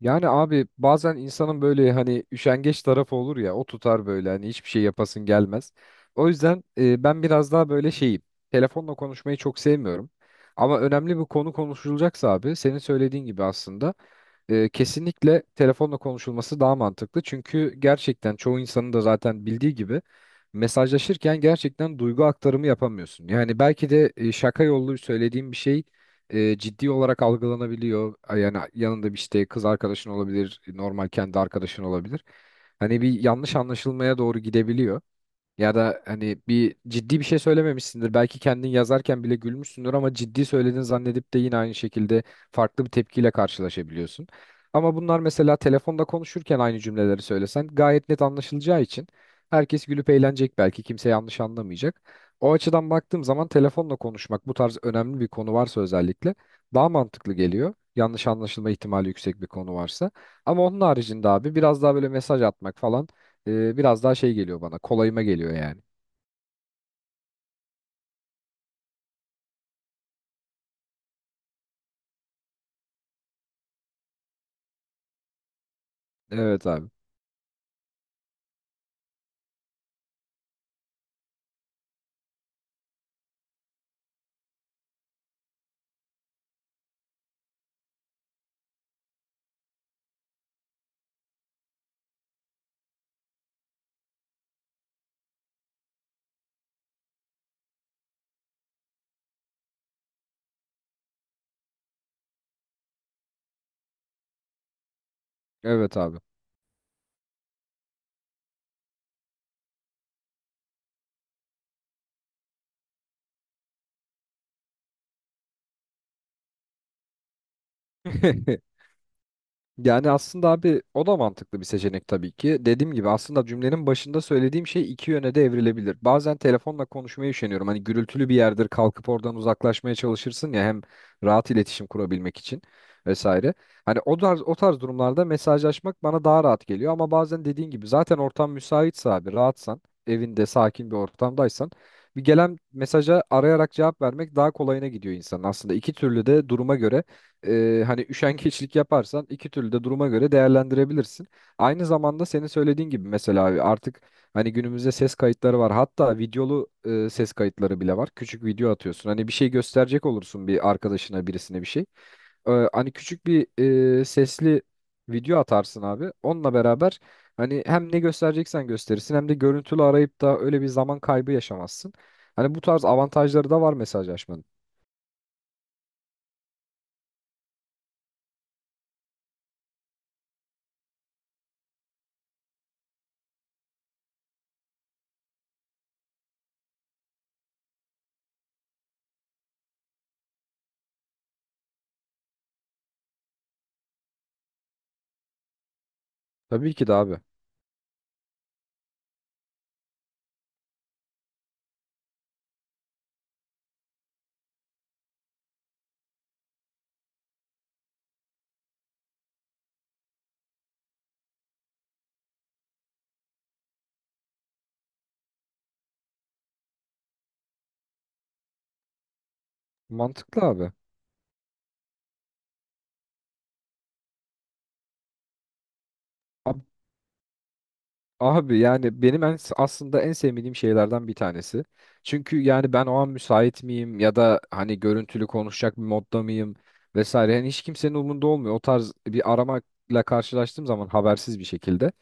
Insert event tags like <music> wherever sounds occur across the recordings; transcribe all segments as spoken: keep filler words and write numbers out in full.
Yani abi bazen insanın böyle hani üşengeç tarafı olur ya o tutar böyle hani hiçbir şey yapasın gelmez. O yüzden e, ben biraz daha böyle şeyim. Telefonla konuşmayı çok sevmiyorum. Ama önemli bir konu konuşulacaksa abi senin söylediğin gibi aslında e, kesinlikle telefonla konuşulması daha mantıklı. Çünkü gerçekten çoğu insanın da zaten bildiği gibi mesajlaşırken gerçekten duygu aktarımı yapamıyorsun. Yani belki de e, şaka yollu söylediğim bir şey e, ciddi olarak algılanabiliyor. Ay, yani yanında bir işte kız arkadaşın olabilir, normal kendi arkadaşın olabilir. Hani bir yanlış anlaşılmaya doğru gidebiliyor. Ya da hani bir ciddi bir şey söylememişsindir. Belki kendin yazarken bile gülmüşsündür ama ciddi söyledin zannedip de yine aynı şekilde farklı bir tepkiyle karşılaşabiliyorsun. Ama bunlar mesela telefonda konuşurken aynı cümleleri söylesen gayet net anlaşılacağı için herkes gülüp eğlenecek, belki kimse yanlış anlamayacak. O açıdan baktığım zaman telefonla konuşmak bu tarz önemli bir konu varsa özellikle daha mantıklı geliyor. Yanlış anlaşılma ihtimali yüksek bir konu varsa. Ama onun haricinde abi biraz daha böyle mesaj atmak falan e, biraz daha şey geliyor bana. Kolayıma geliyor yani. Evet abi. Evet abi. <laughs> Yani aslında abi o da mantıklı bir seçenek tabii ki. Dediğim gibi aslında cümlenin başında söylediğim şey iki yöne de evrilebilir. Bazen telefonla konuşmaya üşeniyorum. Hani gürültülü bir yerdir, kalkıp oradan uzaklaşmaya çalışırsın ya, hem rahat iletişim kurabilmek için vesaire. Hani o tarz, o tarz durumlarda mesajlaşmak bana daha rahat geliyor. Ama bazen dediğin gibi zaten ortam müsaitse abi, rahatsan, evinde sakin bir ortamdaysan bir gelen mesaja arayarak cevap vermek daha kolayına gidiyor insanın. Aslında iki türlü de duruma göre e, hani üşengeçlik yaparsan iki türlü de duruma göre değerlendirebilirsin. Aynı zamanda senin söylediğin gibi mesela abi artık hani günümüzde ses kayıtları var. Hatta videolu e, ses kayıtları bile var. Küçük video atıyorsun. Hani bir şey gösterecek olursun bir arkadaşına, birisine bir şey. E, hani küçük bir e, sesli video atarsın abi. Onunla beraber hani hem ne göstereceksen gösterirsin hem de görüntülü arayıp da öyle bir zaman kaybı yaşamazsın. Hani bu tarz avantajları da var mesajlaşmanın. Tabii ki de abi. Mantıklı abi. Abi Abi yani benim en, aslında en sevmediğim şeylerden bir tanesi. Çünkü yani ben o an müsait miyim ya da hani görüntülü konuşacak bir modda mıyım vesaire. Yani hiç kimsenin umurunda olmuyor. O tarz bir aramayla karşılaştığım zaman habersiz bir şekilde.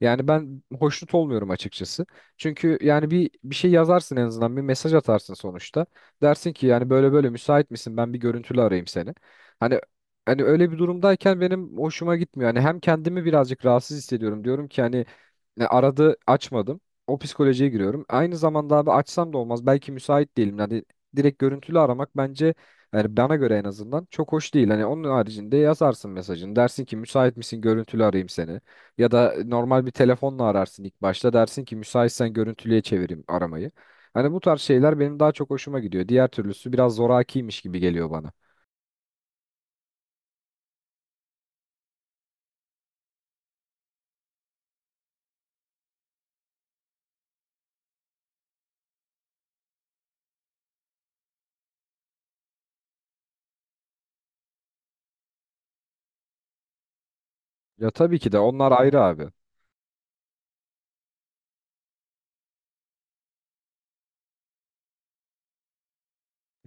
Yani ben hoşnut olmuyorum açıkçası. Çünkü yani bir bir şey yazarsın, en azından bir mesaj atarsın sonuçta. Dersin ki yani böyle böyle müsait misin? Ben bir görüntülü arayayım seni. Hani hani öyle bir durumdayken benim hoşuma gitmiyor. Hani hem kendimi birazcık rahatsız hissediyorum. Diyorum ki hani e, aradı, açmadım. O psikolojiye giriyorum. Aynı zamanda abi açsam da olmaz. Belki müsait değilim. Hani direkt görüntülü aramak bence, yani bana göre en azından, çok hoş değil. Hani onun haricinde yazarsın mesajını. Dersin ki müsait misin? Görüntülü arayayım seni. Ya da normal bir telefonla ararsın ilk başta, dersin ki müsaitsen görüntülüye çevireyim aramayı. Hani bu tarz şeyler benim daha çok hoşuma gidiyor. Diğer türlüsü biraz zorakiymiş gibi geliyor bana. Ya tabii ki de onlar ayrı abi.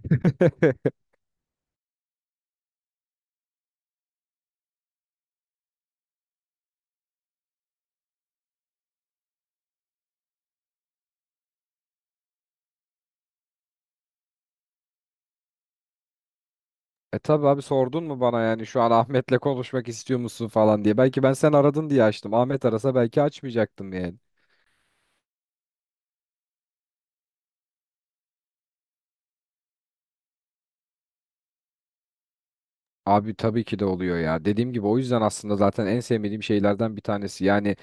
<laughs> E, tabii abi sordun mu bana yani şu an Ahmet'le konuşmak istiyor musun falan diye. Belki ben sen aradın diye açtım. Ahmet arasa belki açmayacaktım yani. Abi tabii ki de oluyor ya. Dediğim gibi o yüzden aslında zaten en sevmediğim şeylerden bir tanesi. Yani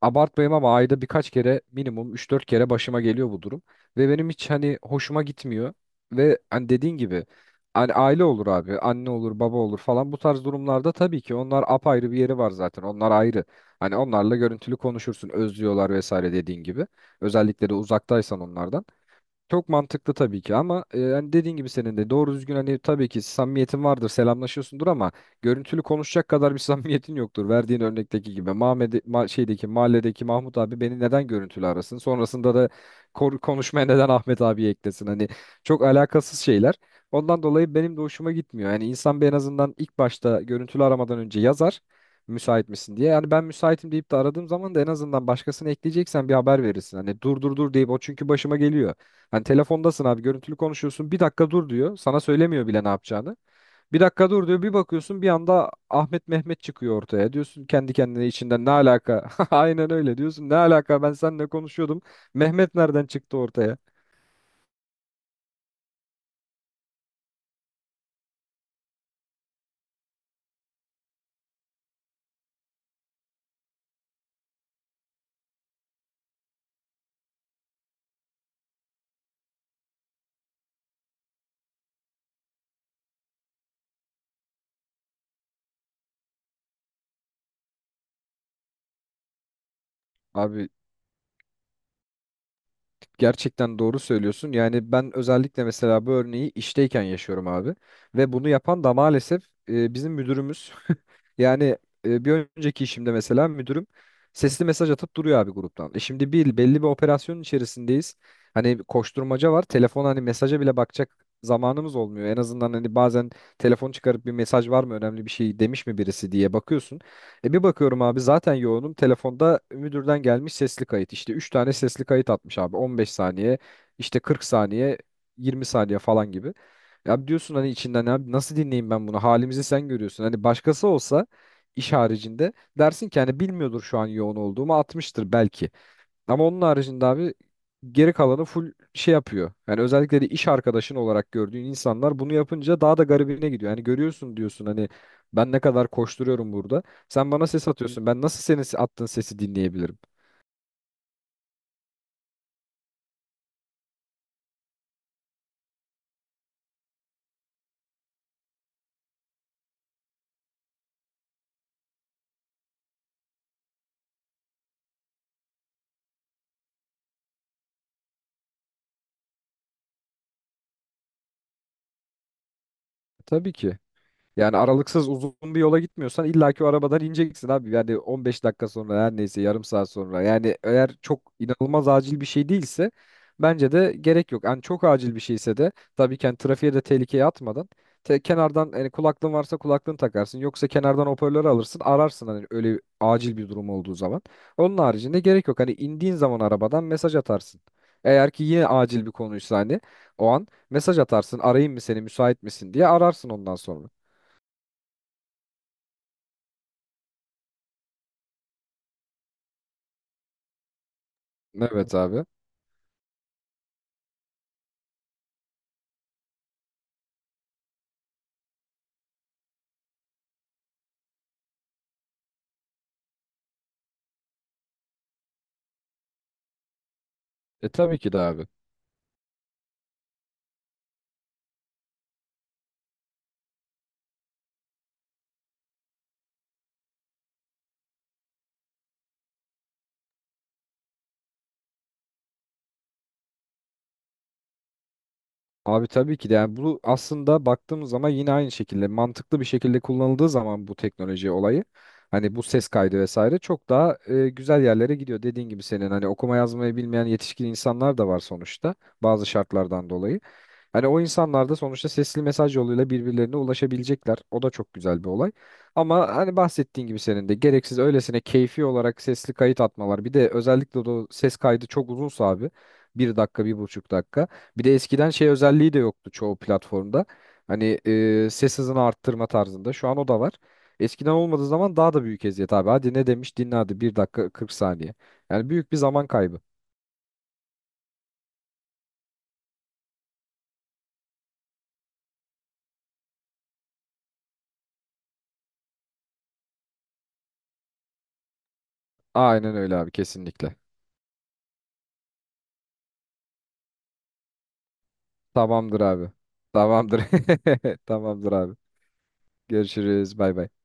abartmayayım ama ayda birkaç kere, minimum üç dört kere başıma geliyor bu durum. Ve benim hiç hani hoşuma gitmiyor. Ve hani dediğin gibi hani aile olur abi. Anne olur, baba olur falan. Bu tarz durumlarda tabii ki onlar apayrı bir yeri var zaten. Onlar ayrı. Hani onlarla görüntülü konuşursun. Özlüyorlar vesaire, dediğin gibi. Özellikle de uzaktaysan onlardan. Çok mantıklı tabii ki, ama e, hani dediğin gibi senin de doğru düzgün hani tabii ki samimiyetin vardır, selamlaşıyorsundur ama görüntülü konuşacak kadar bir <laughs> samimiyetin yoktur. Verdiğin örnekteki gibi Mahmed ma- şeydeki, mahalledeki Mahmut abi beni neden görüntülü arasın? Sonrasında da kor- konuşmaya neden Ahmet abi eklesin? Hani çok alakasız şeyler. Ondan dolayı benim de hoşuma gitmiyor. Yani insan bir en azından ilk başta görüntülü aramadan önce yazar müsait misin diye. Yani ben müsaitim deyip de aradığım zaman da en azından başkasını ekleyeceksen bir haber verirsin. Hani dur dur dur deyip, o çünkü başıma geliyor. Hani telefondasın abi, görüntülü konuşuyorsun, bir dakika dur diyor. Sana söylemiyor bile ne yapacağını. Bir dakika dur diyor, bir bakıyorsun bir anda Ahmet Mehmet çıkıyor ortaya. Diyorsun kendi kendine içinden, ne alaka? <laughs> Aynen öyle diyorsun, ne alaka, ben seninle konuşuyordum. Mehmet nereden çıktı ortaya? Abi, gerçekten doğru söylüyorsun. Yani ben özellikle mesela bu örneği işteyken yaşıyorum abi. Ve bunu yapan da maalesef e, bizim müdürümüz. <laughs> Yani e, bir önceki işimde mesela müdürüm sesli mesaj atıp duruyor abi gruptan. E şimdi bir belli bir operasyonun içerisindeyiz. Hani koşturmaca var. Telefon hani mesaja bile bakacak zamanımız olmuyor. En azından hani bazen telefon çıkarıp bir mesaj var mı, önemli bir şey demiş mi birisi diye bakıyorsun. E bir bakıyorum abi, zaten yoğunum. Telefonda müdürden gelmiş sesli kayıt. İşte üç tane sesli kayıt atmış abi. on beş saniye, işte kırk saniye, yirmi saniye falan gibi. Ya diyorsun hani içinden, abi nasıl dinleyeyim ben bunu? Halimizi sen görüyorsun. Hani başkası olsa, iş haricinde, dersin ki hani bilmiyordur şu an yoğun olduğumu, atmıştır belki. Ama onun haricinde abi geri kalanı full şey yapıyor. Yani özellikle de iş arkadaşın olarak gördüğün insanlar bunu yapınca daha da garibine gidiyor. Yani görüyorsun, diyorsun hani ben ne kadar koşturuyorum burada. Sen bana ses atıyorsun. Ben nasıl senin attığın sesi dinleyebilirim? Tabii ki. Yani aralıksız uzun bir yola gitmiyorsan illaki o arabadan ineceksin abi. Yani on beş dakika sonra, her neyse yarım saat sonra. Yani eğer çok inanılmaz acil bir şey değilse bence de gerek yok. Yani çok acil bir şeyse de tabii ki yani trafiğe de tehlikeye atmadan te- kenardan, yani kulaklığın varsa kulaklığını takarsın. Yoksa kenardan hoparlörü alırsın, ararsın hani öyle acil bir durum olduğu zaman. Onun haricinde gerek yok. Hani indiğin zaman arabadan mesaj atarsın. Eğer ki yine acil bir konuysa hani o an mesaj atarsın, arayayım mı seni müsait misin diye ararsın ondan sonra. Evet abi. E tabii ki de abi. Abi tabii ki de yani bu aslında baktığımız zaman yine aynı şekilde mantıklı bir şekilde kullanıldığı zaman bu teknoloji olayı, hani bu ses kaydı vesaire, çok daha e, güzel yerlere gidiyor. Dediğin gibi senin hani okuma yazmayı bilmeyen yetişkin insanlar da var sonuçta, bazı şartlardan dolayı. Hani o insanlar da sonuçta sesli mesaj yoluyla birbirlerine ulaşabilecekler. O da çok güzel bir olay. Ama hani bahsettiğin gibi senin de gereksiz öylesine keyfi olarak sesli kayıt atmalar. Bir de özellikle de o ses kaydı çok uzunsa abi. Bir dakika, bir buçuk dakika. Bir de eskiden şey özelliği de yoktu çoğu platformda. Hani e, ses hızını arttırma tarzında. Şu an o da var. Eskiden olmadığı zaman daha da büyük eziyet abi. Hadi ne demiş dinle, hadi bir dakika kırk saniye. Yani büyük bir zaman kaybı. Aynen öyle abi, kesinlikle. Tamamdır abi. Tamamdır. <laughs> Tamamdır abi. Görüşürüz. Bay bay.